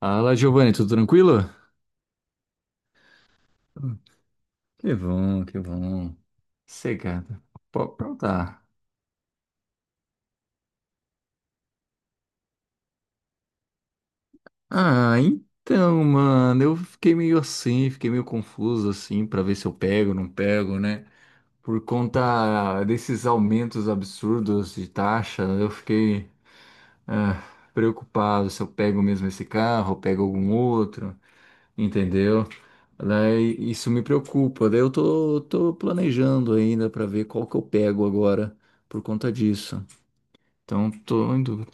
Fala, Giovanni, tudo tranquilo? Que bom, que bom. Cegada. Pode perguntar. Ah, então, mano, eu fiquei meio confuso assim, pra ver se eu pego ou não pego, né? Por conta desses aumentos absurdos de taxa, eu fiquei ah, preocupado se eu pego mesmo esse carro, eu pego algum outro, entendeu? Daí isso me preocupa. Daí eu tô planejando ainda pra ver qual que eu pego agora por conta disso. Então, tô em dúvida.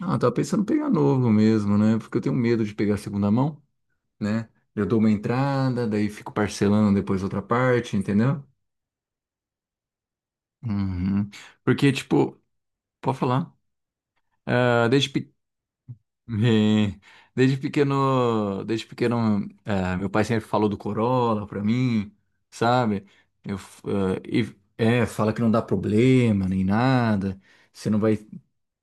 Ah, eu tava pensando em pegar novo mesmo, né? Porque eu tenho medo de pegar segunda mão, né? Eu dou uma entrada, daí fico parcelando depois outra parte, entendeu? Uhum. Porque, tipo, pode falar. Ah, desde, pe... eh, desde pequeno, desde pequeno, meu pai sempre falou do Corolla pra mim, sabe? Eu, f- ah, e, é, fala que não dá problema nem nada. Você não vai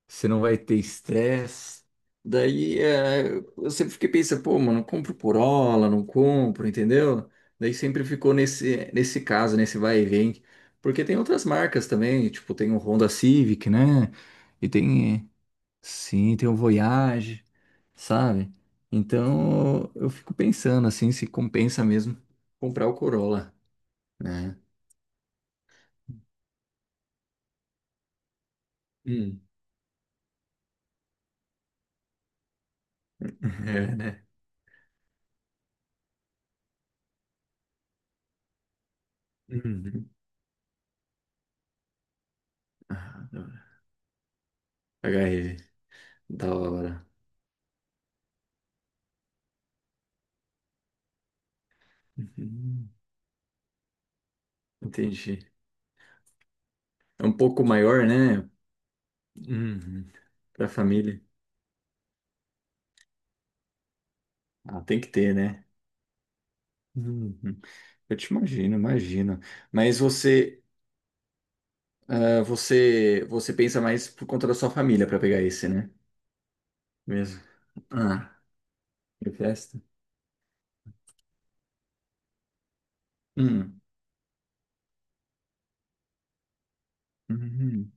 Você não vai ter estresse. Daí é, eu sempre fiquei pensando, pô, mano, compro Corolla, não compro, entendeu? Daí sempre ficou nesse caso, nesse vai e vem. Porque tem outras marcas também, tipo, tem o Honda Civic, né? E tem, sim, tem o Voyage, sabe? Então eu fico pensando assim, se compensa mesmo comprar o Corolla, né? Hum. É, né? Uhum. Ah, HRV, da hora. Uhum. Entendi. É um pouco maior, né? Uhum. Para família. Ah, tem que ter, né? Uhum. Eu te imagino, imagino. Mas você pensa mais por conta da sua família para pegar esse, né? Mesmo. Ah, de festa. Hum. Uhum.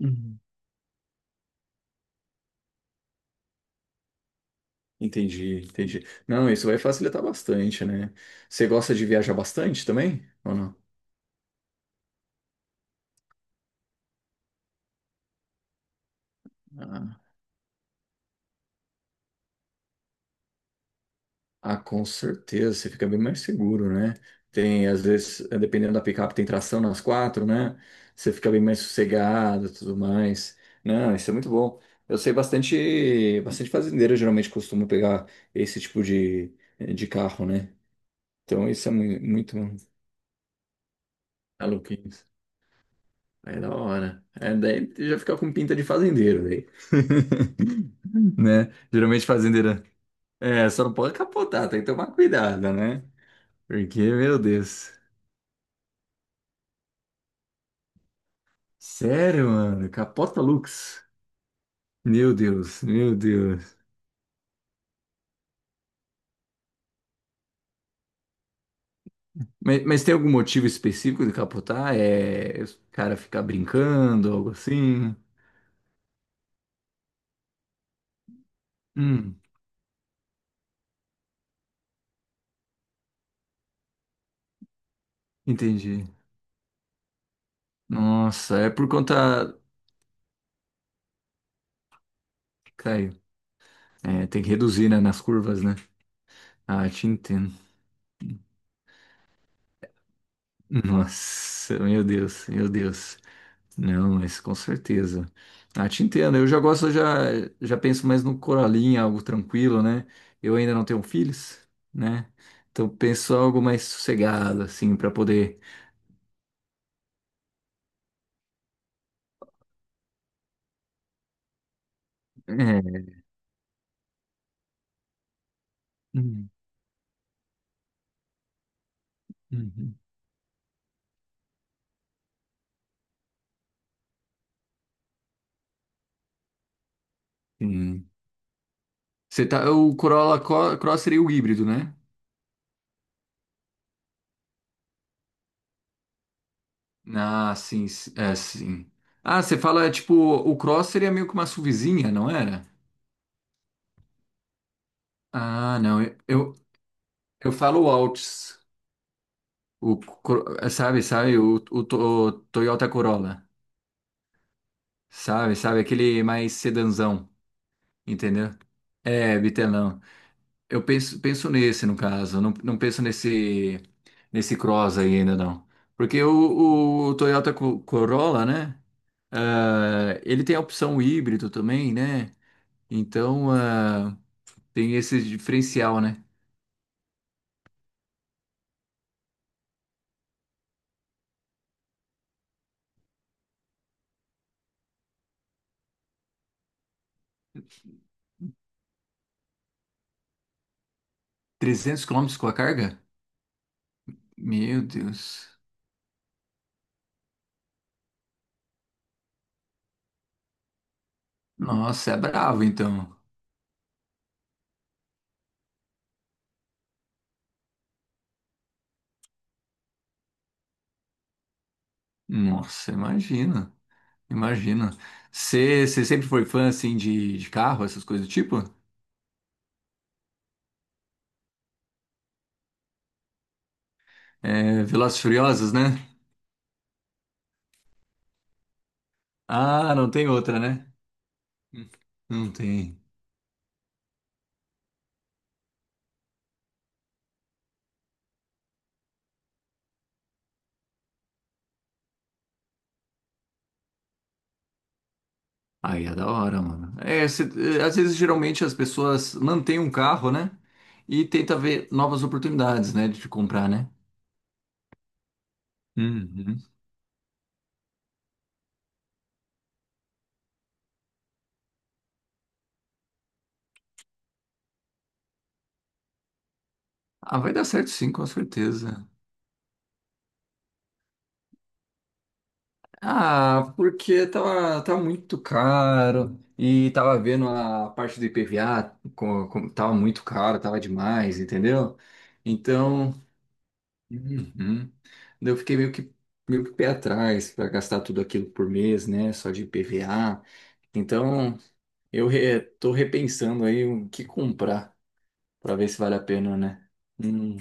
Uhum. Entendi, entendi. Não, isso vai facilitar bastante, né? Você gosta de viajar bastante também? Ou não? Ah, com certeza, você fica bem mais seguro, né? Tem, às vezes, dependendo da picape, tem tração nas quatro, né? Você fica bem mais sossegado, e tudo mais. Não, isso é muito bom. Eu sei bastante, bastante fazendeiro, geralmente costuma pegar esse tipo de, de carro, né? Então isso é muito maluquinho. É da hora. É, daí já fica com pinta de fazendeiro, daí. Né? Geralmente fazendeira. É, só não pode capotar, tem que tomar cuidado, né? Porque, meu Deus. Sério, mano? Capota Lux? Meu Deus, meu Deus. Mas tem algum motivo específico de capotar? É o cara ficar brincando, algo assim? Hum, entendi. Nossa, é por conta. Caiu. É, tem que reduzir, né, nas curvas, né? Ah, te entendo. Nossa, meu Deus, meu Deus. Não, mas com certeza. Ah, te entendo. Eu já penso mais no Coralinho, algo tranquilo, né? Eu ainda não tenho filhos, né? Então penso algo mais sossegado, assim, para poder. É. Uhum, uhum. Sim. O Corolla Cross seria o híbrido, né? Ah, sim, é, sim. Ah, você fala, tipo, o Cross seria meio que uma SUVzinha, não era? Ah, não, eu, eu falo o Altis. Sabe, sabe, o Toyota Corolla, sabe, sabe, aquele mais sedanzão, entendeu? É, bitelão. Eu penso nesse, no caso, não, não penso nesse Cross aí ainda não. Porque o Toyota Corolla, né, ele tem a opção híbrido também, né, então tem esse diferencial, né? 300 quilômetros com a carga? Meu Deus, nossa, é bravo então. Nossa, imagina, imagina. Você sempre foi fã assim de carro, essas coisas do tipo? É, Velozes e Furiosos, né? Ah, não tem outra, né? Hum. Não tem. Aí é da hora, mano. É, às vezes, geralmente, as pessoas mantêm um carro, né? E tenta ver novas oportunidades, né? De comprar, né? Uhum. Ah, vai dar certo sim, com certeza. Ah, porque tava muito caro e tava vendo a parte do IPVA, tava muito caro, tava demais, entendeu? Então, uhum. Daí eu fiquei meio que pé atrás para gastar tudo aquilo por mês, né? Só de IPVA. Então, tô repensando aí o que comprar para ver se vale a pena, né? Hum,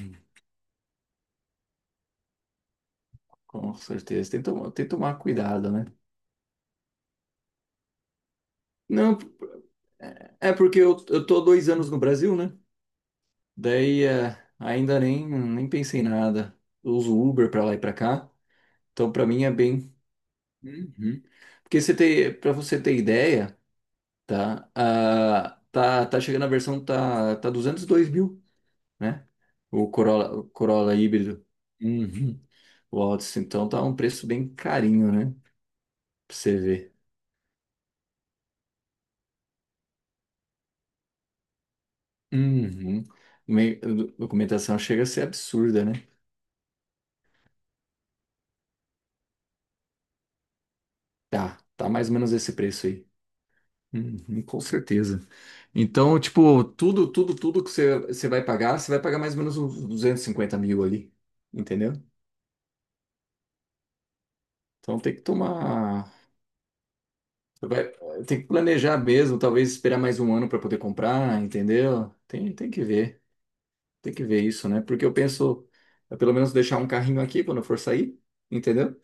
com certeza. Tem que tomar cuidado, né? Não, é porque eu, tô há dois anos no Brasil, né? Daí ainda nem pensei em nada. Eu uso Uber para lá e para cá. Então para mim é bem. Uhum. Porque você tem, para você ter ideia, tá? Ah, tá, tá chegando a versão tá 202.000, né? O Corolla híbrido. Uhum. O Altis, então tá um preço bem carinho, né? Pra você ver. Uhum. Me- Documentação chega a ser absurda, né? Tá, tá mais ou menos esse preço aí. Uhum, com certeza. Então, tipo, tudo que você vai pagar, você vai pagar mais ou menos uns 250.000 ali, entendeu? Então tem que tomar. você Vai, tem que planejar mesmo, talvez esperar mais um ano para poder comprar, entendeu? Tem que ver, tem que ver isso, né? Porque eu penso, é pelo menos deixar um carrinho aqui quando eu for sair, entendeu?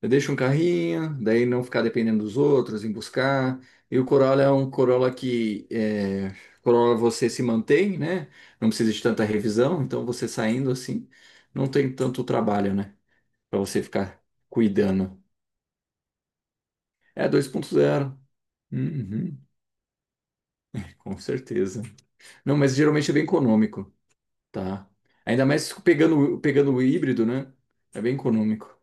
Eu deixo um carrinho, daí não ficar dependendo dos outros em buscar. E o Corolla é um Corolla que é, Corolla você se mantém, né? Não precisa de tanta revisão, então você saindo assim, não tem tanto trabalho, né? Para você ficar cuidando. É 2.0. Uhum, com certeza. Não, mas geralmente é bem econômico, tá? Ainda mais pegando o híbrido, né? É bem econômico.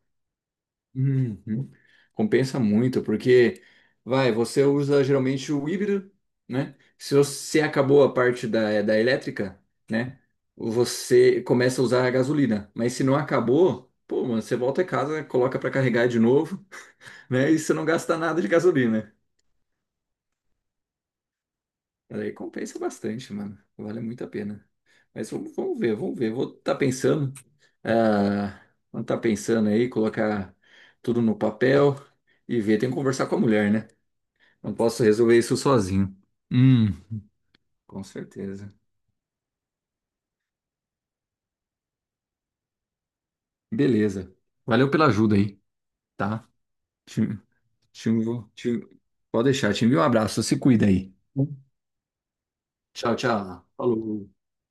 Uhum. Compensa muito, porque vai, você usa geralmente o híbrido, né? Se você acabou a parte da elétrica, né? Você começa a usar a gasolina. Mas se não acabou, pô, mano, você volta a casa, coloca pra carregar de novo, né? E você não gasta nada de gasolina. Aí compensa bastante, mano. Vale muito a pena. Mas vamos ver, vamos ver. Vou estar pensando. ah, vou estar pensando aí, colocar tudo no papel e ver. Tem que conversar com a mulher, né? Não posso resolver isso sozinho. Hum, com certeza. Beleza. Valeu pela ajuda aí, tá? Te, te, te- Pode deixar. Te envio um abraço. Se cuida aí. Tchau, tchau. Falou.